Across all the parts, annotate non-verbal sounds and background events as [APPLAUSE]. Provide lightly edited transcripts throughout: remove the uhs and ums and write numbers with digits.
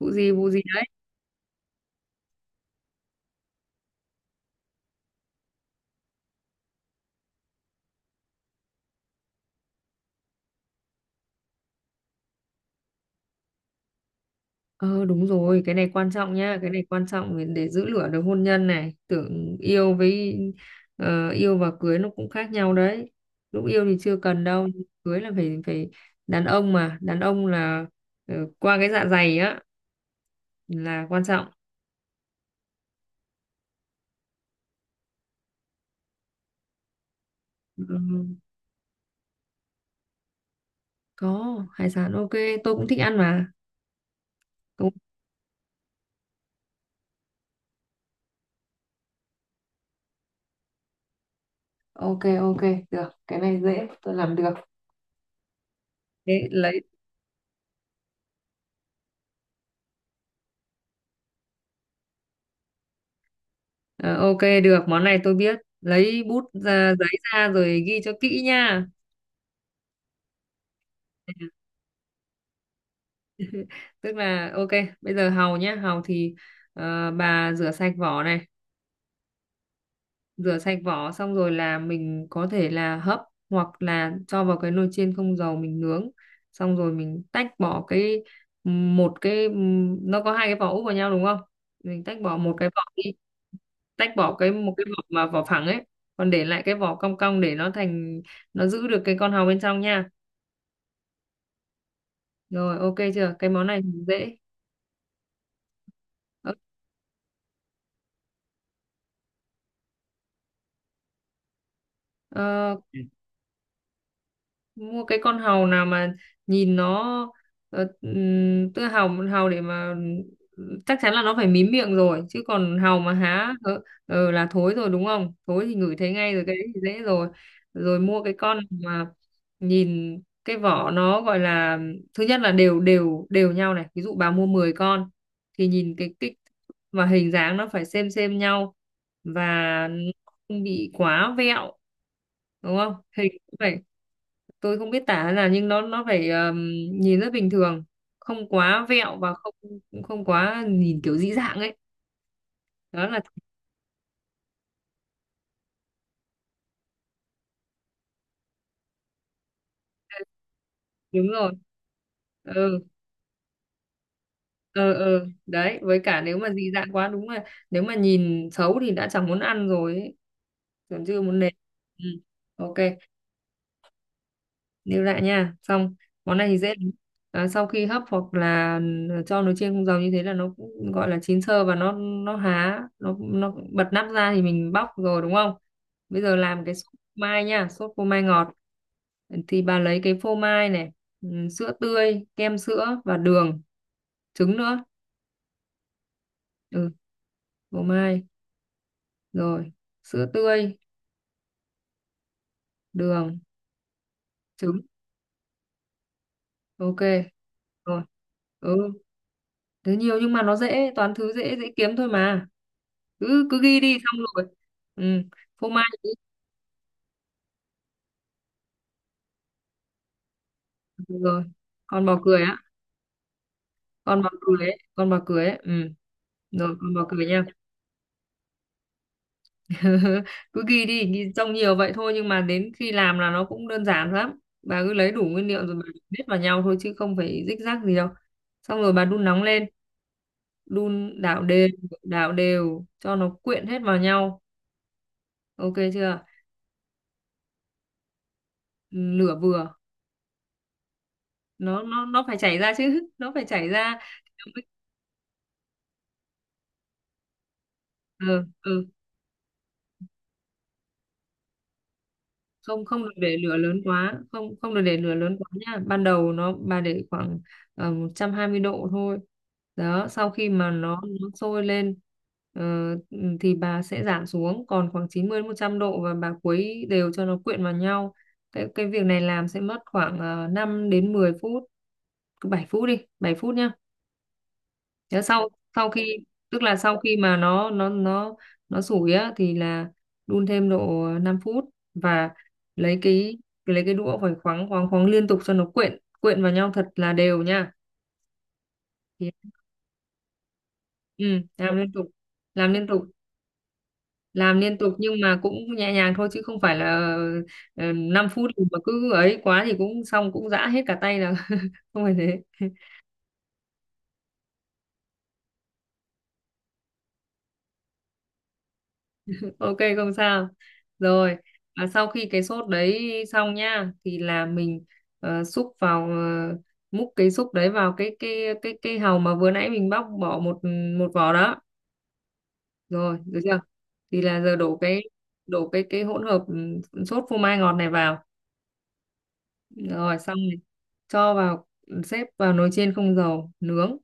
Vụ gì đấy? Ờ Đúng rồi, cái này quan trọng nha, cái này quan trọng để giữ lửa được hôn nhân. Này tưởng yêu với yêu và cưới nó cũng khác nhau đấy. Lúc yêu thì chưa cần đâu, cưới là phải phải đàn ông, mà đàn ông là qua cái dạ dày á là quan trọng. Ừ, có hải sản, ok, tôi cũng thích ăn mà. Đúng. Ok, ok, được cái này dễ, tôi làm được. Thế lấy. Ờ, ok, được, món này tôi biết. Lấy bút ra, giấy ra rồi ghi cho kỹ nha. Tức là ok, bây giờ hàu nhá, hàu thì bà rửa sạch vỏ này, rửa sạch vỏ xong rồi là mình có thể là hấp, hoặc là cho vào cái nồi chiên không dầu mình nướng. Xong rồi mình tách bỏ cái một cái, nó có hai cái vỏ úp vào nhau đúng không? Mình tách bỏ một cái vỏ đi, tách bỏ cái một cái vỏ mà vỏ phẳng ấy, còn để lại cái vỏ cong cong để nó thành, nó giữ được cái con hàu bên trong nha. Rồi, ok chưa? Cái món này thì dễ. Ờ, ờ, mua cái con hàu nào mà nhìn nó, tức hàu hàu để mà chắc chắn là nó phải mím miệng rồi, chứ còn hàu mà há là thối rồi đúng không, thối thì ngửi thấy ngay rồi, cái đấy thì dễ rồi. Rồi mua cái con mà nhìn cái vỏ, nó gọi là, thứ nhất là đều, đều nhau này, ví dụ bà mua 10 con thì nhìn cái kích và hình dáng nó phải xem nhau, và nó không bị quá vẹo, đúng không, hình cũng phải, tôi không biết tả là nhưng nó phải nhìn rất bình thường, không quá vẹo và không, không quá nhìn kiểu dị dạng ấy. Đó là đúng rồi. Ừ ừ ừ đấy, với cả nếu mà dị dạng quá đúng là, nếu mà nhìn xấu thì đã chẳng muốn ăn rồi ấy, còn chưa muốn nếm. Ừ. Ok, lưu lại nha, xong món này thì dễ lắm. Sau khi hấp hoặc là cho nồi chiên không dầu như thế là nó cũng gọi là chín sơ, và nó há, nó bật nắp ra thì mình bóc rồi đúng không. Bây giờ làm cái sốt phô mai nha, sốt phô mai ngọt thì bà lấy cái phô mai này, ừ, sữa tươi, kem sữa và đường, trứng nữa. Ừ, phô mai, rồi sữa tươi, đường, trứng, ok, rồi, ừ, thứ nhiều nhưng mà nó dễ, toàn thứ dễ dễ kiếm thôi mà, cứ cứ ghi đi xong rồi. Ừ. Phô mai thì được rồi, còn bò cười á, còn bò cười ấy, còn bò cười ấy. Ừ. Rồi còn bò cười nha. [LAUGHS] Cứ ghi đi, ghi trông nhiều vậy thôi nhưng mà đến khi làm là nó cũng đơn giản lắm, bà cứ lấy đủ nguyên liệu rồi bà biết vào nhau thôi chứ không phải rích rắc gì đâu. Xong rồi bà đun nóng lên, đun đảo đều, đảo đều cho nó quyện hết vào nhau, ok chưa? Ừ, lửa vừa, nó phải chảy ra chứ, [LAUGHS] nó phải chảy ra. Ừ, ừ, không không được để lửa lớn quá, không không được để lửa lớn quá nha, ban đầu nó bà để khoảng 120 độ thôi. Đó, sau khi mà nó sôi lên ờ, thì bà sẽ giảm xuống còn khoảng 90 đến 100 độ, và bà khuấy đều cho nó quyện vào nhau. Cái việc này làm sẽ mất khoảng 5 đến 10 phút, cứ 7 phút đi, 7 phút nhá. Thế sau, sau khi, tức là sau khi mà nó nó sủi á thì là đun thêm độ 5 phút, và lấy cái, lấy cái đũa phải khoáng khoáng khoáng liên tục cho nó quyện quyện vào nhau thật là đều nha. Thì, ừ, làm liên tục, làm liên tục, làm liên tục nhưng mà cũng nhẹ nhàng thôi, chứ không phải là 5 phút mà cứ ấy quá thì cũng xong, cũng giã hết cả tay là [LAUGHS] không phải thế. Ok, không sao, rồi, và sau khi cái sốt đấy xong nha, thì là mình xúc vào, múc cái xúc đấy vào cái hàu mà vừa nãy mình bóc bỏ một, một vỏ đó, rồi được chưa? Thì là giờ đổ cái, đổ cái hỗn hợp sốt phô mai ngọt này vào, rồi xong rồi, cho vào, xếp vào nồi chiên không dầu nướng,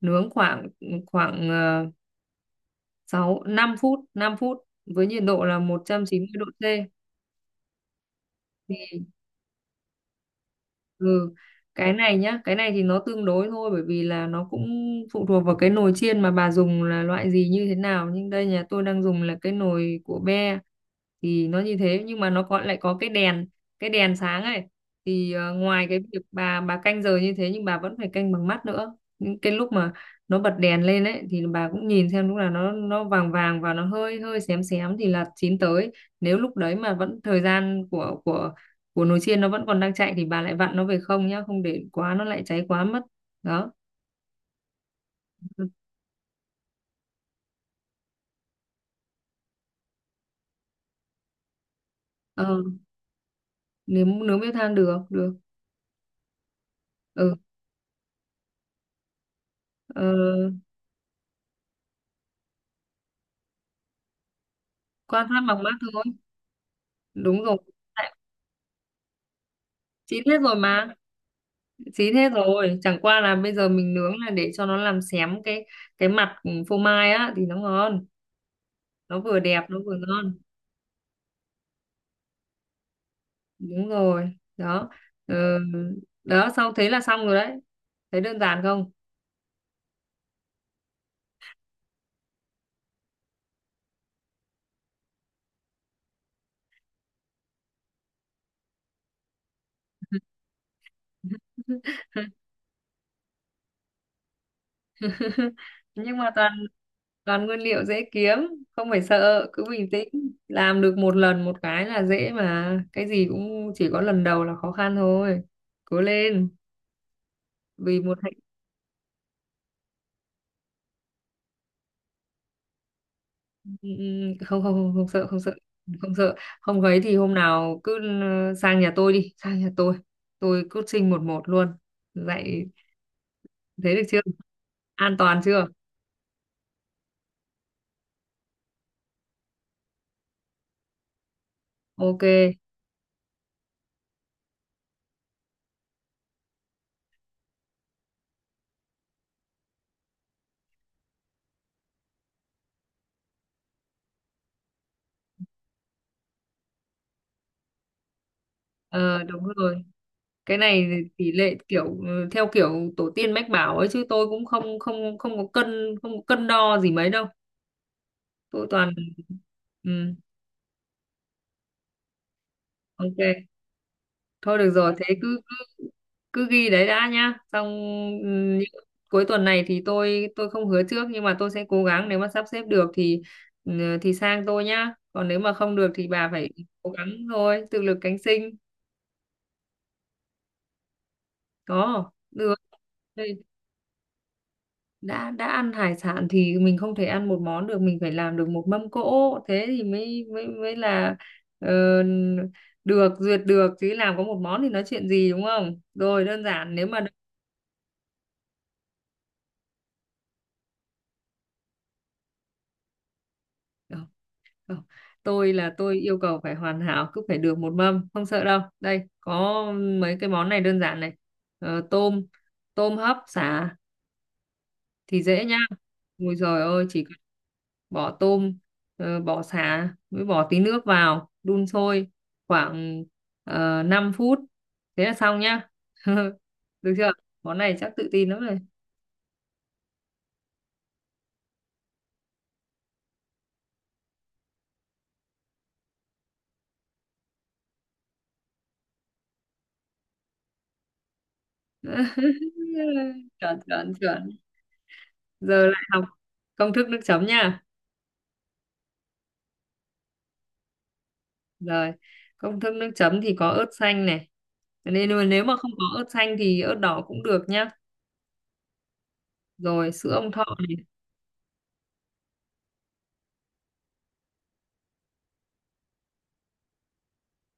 nướng khoảng, khoảng, uh, 6 5 phút, 5 phút với nhiệt độ là 190 độ C. Ừ, cái này nhá, cái này thì nó tương đối thôi, bởi vì là nó cũng phụ thuộc vào cái nồi chiên mà bà dùng là loại gì như thế nào, nhưng đây nhà tôi đang dùng là cái nồi của be thì nó như thế, nhưng mà nó có lại có cái đèn, cái đèn sáng ấy, thì ngoài cái việc bà canh giờ như thế nhưng bà vẫn phải canh bằng mắt nữa, những cái lúc mà nó bật đèn lên ấy thì bà cũng nhìn xem lúc nào nó vàng vàng và nó hơi hơi xém xém thì là chín tới. Nếu lúc đấy mà vẫn thời gian của nồi chiên nó vẫn còn đang chạy thì bà lại vặn nó về không nhá, không để quá nó lại cháy quá mất. Đó. ờ, Nướng, nướng bếp than được, được. Ừ. ờ, Quan sát bằng mắt thôi, đúng rồi. Tại- chín hết rồi mà, chín hết rồi, chẳng qua là bây giờ mình nướng là để cho nó làm xém cái mặt phô mai á thì nó ngon, nó vừa đẹp nó vừa ngon. Đúng rồi đó. Ờ, đó xong thế là xong rồi đấy, thấy đơn giản không? [LAUGHS] Nhưng mà toàn nguyên liệu dễ kiếm, không phải sợ, cứ bình tĩnh, làm được một lần một cái là dễ mà, cái gì cũng chỉ có lần đầu là khó khăn thôi, cố lên, vì một hạnh. ừ, ừ, Không không không không sợ, không sợ, không sợ, không ấy thì hôm nào cứ sang nhà tôi đi, sang nhà tôi coaching một một luôn, dạy. Thế được chưa? An toàn chưa? Ok. Ờ, Đúng rồi, cái này tỷ lệ kiểu, theo kiểu tổ tiên mách bảo ấy, chứ tôi cũng không không không có cân, không có cân đo gì mấy đâu, tôi toàn ừ, ok. Thôi được rồi, thế cứ cứ cứ ghi đấy đã nhá, xong, ừ, những- cuối tuần này thì tôi không hứa trước, nhưng mà tôi sẽ cố gắng, nếu mà sắp xếp được thì, ừ, thì sang tôi nhá, còn nếu mà không được thì bà phải cố gắng thôi, tự lực cánh sinh. Có được. Đã ăn hải sản thì mình không thể ăn một món được, mình phải làm được một mâm cỗ, thế thì mới mới mới là ờ, được duyệt, được chứ làm có một món thì nói chuyện gì đúng không? Rồi đơn giản nếu mà. Không, không, tôi là tôi yêu cầu phải hoàn hảo, cứ phải được một mâm, không sợ đâu, đây có mấy cái món này đơn giản này. Ờ, tôm, tôm hấp xả thì dễ nhá, ôi giời ơi, chỉ bỏ tôm, bỏ sả mới bỏ tí nước vào đun sôi khoảng uh, 5 phút, thế là xong nhá. [LAUGHS] Được chưa? Món này chắc tự tin lắm rồi. [LAUGHS] Chuẩn, chuẩn, chuẩn, giờ lại học công thức nước chấm nha. Rồi, công thức nước chấm thì có ớt xanh này, nên mà nếu mà không có ớt xanh thì ớt đỏ cũng được nhá, rồi sữa ông thọ.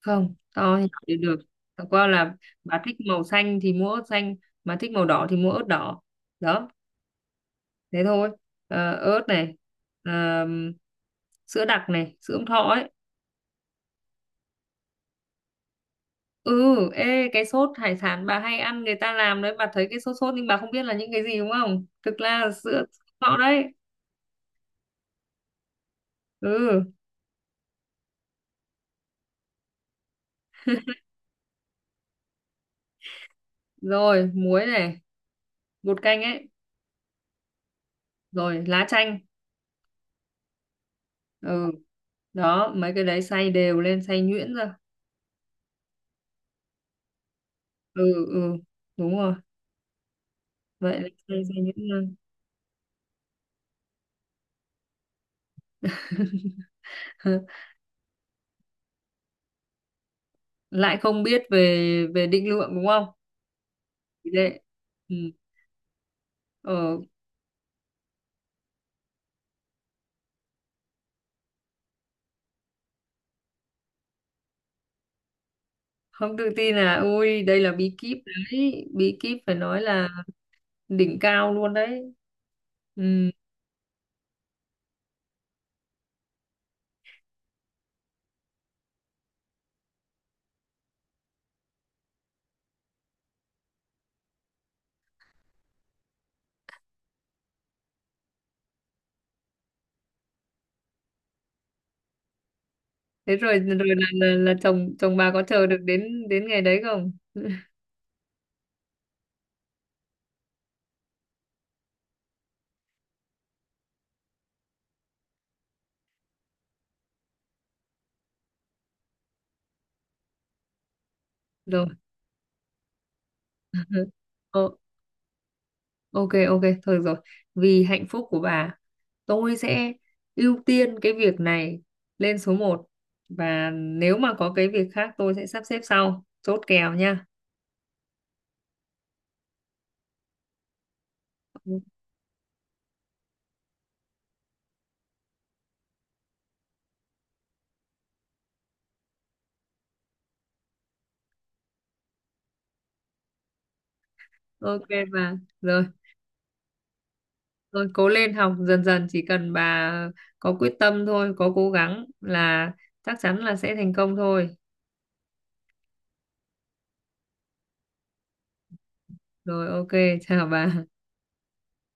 Không, to thì nhỏ đều được, chẳng qua là bà thích màu xanh thì mua ớt xanh, mà thích màu đỏ thì mua ớt đỏ, đó thế thôi. Ờ, ớt này, ờ, sữa đặc này, sữa ống thọ ấy. Ừ, ê cái sốt hải sản bà hay ăn người ta làm đấy, bà thấy cái sốt sốt nhưng bà không biết là những cái gì đúng không, thực ra là sữa ống thọ đấy. Ừ, rồi muối này, bột canh ấy, rồi lá chanh. Ừ. Đó, mấy cái đấy xay đều lên, xay nhuyễn ra. Ừ, ừ, đúng rồi, vậy là xây ra những. [LAUGHS] Lại không biết về về định lượng đúng không, đấy. Ừ. Ờ, không tự tin là ui đây là bí kíp đấy, bí kíp phải nói là đỉnh cao luôn đấy. Ừ. Thế rồi rồi là chồng chồng bà có chờ được đến đến ngày đấy không? [LAUGHS] Rồi. Ờ, ok, ok thôi được rồi, vì hạnh phúc của bà tôi sẽ ưu tiên cái việc này lên số một, và nếu mà có cái việc khác tôi sẽ sắp xếp sau, chốt kèo nha. Ok bà, rồi rồi, cố lên, học dần dần, chỉ cần bà có quyết tâm thôi, có cố gắng là chắc chắn là sẽ thành công thôi. Rồi, ok, [LAUGHS] chào bà.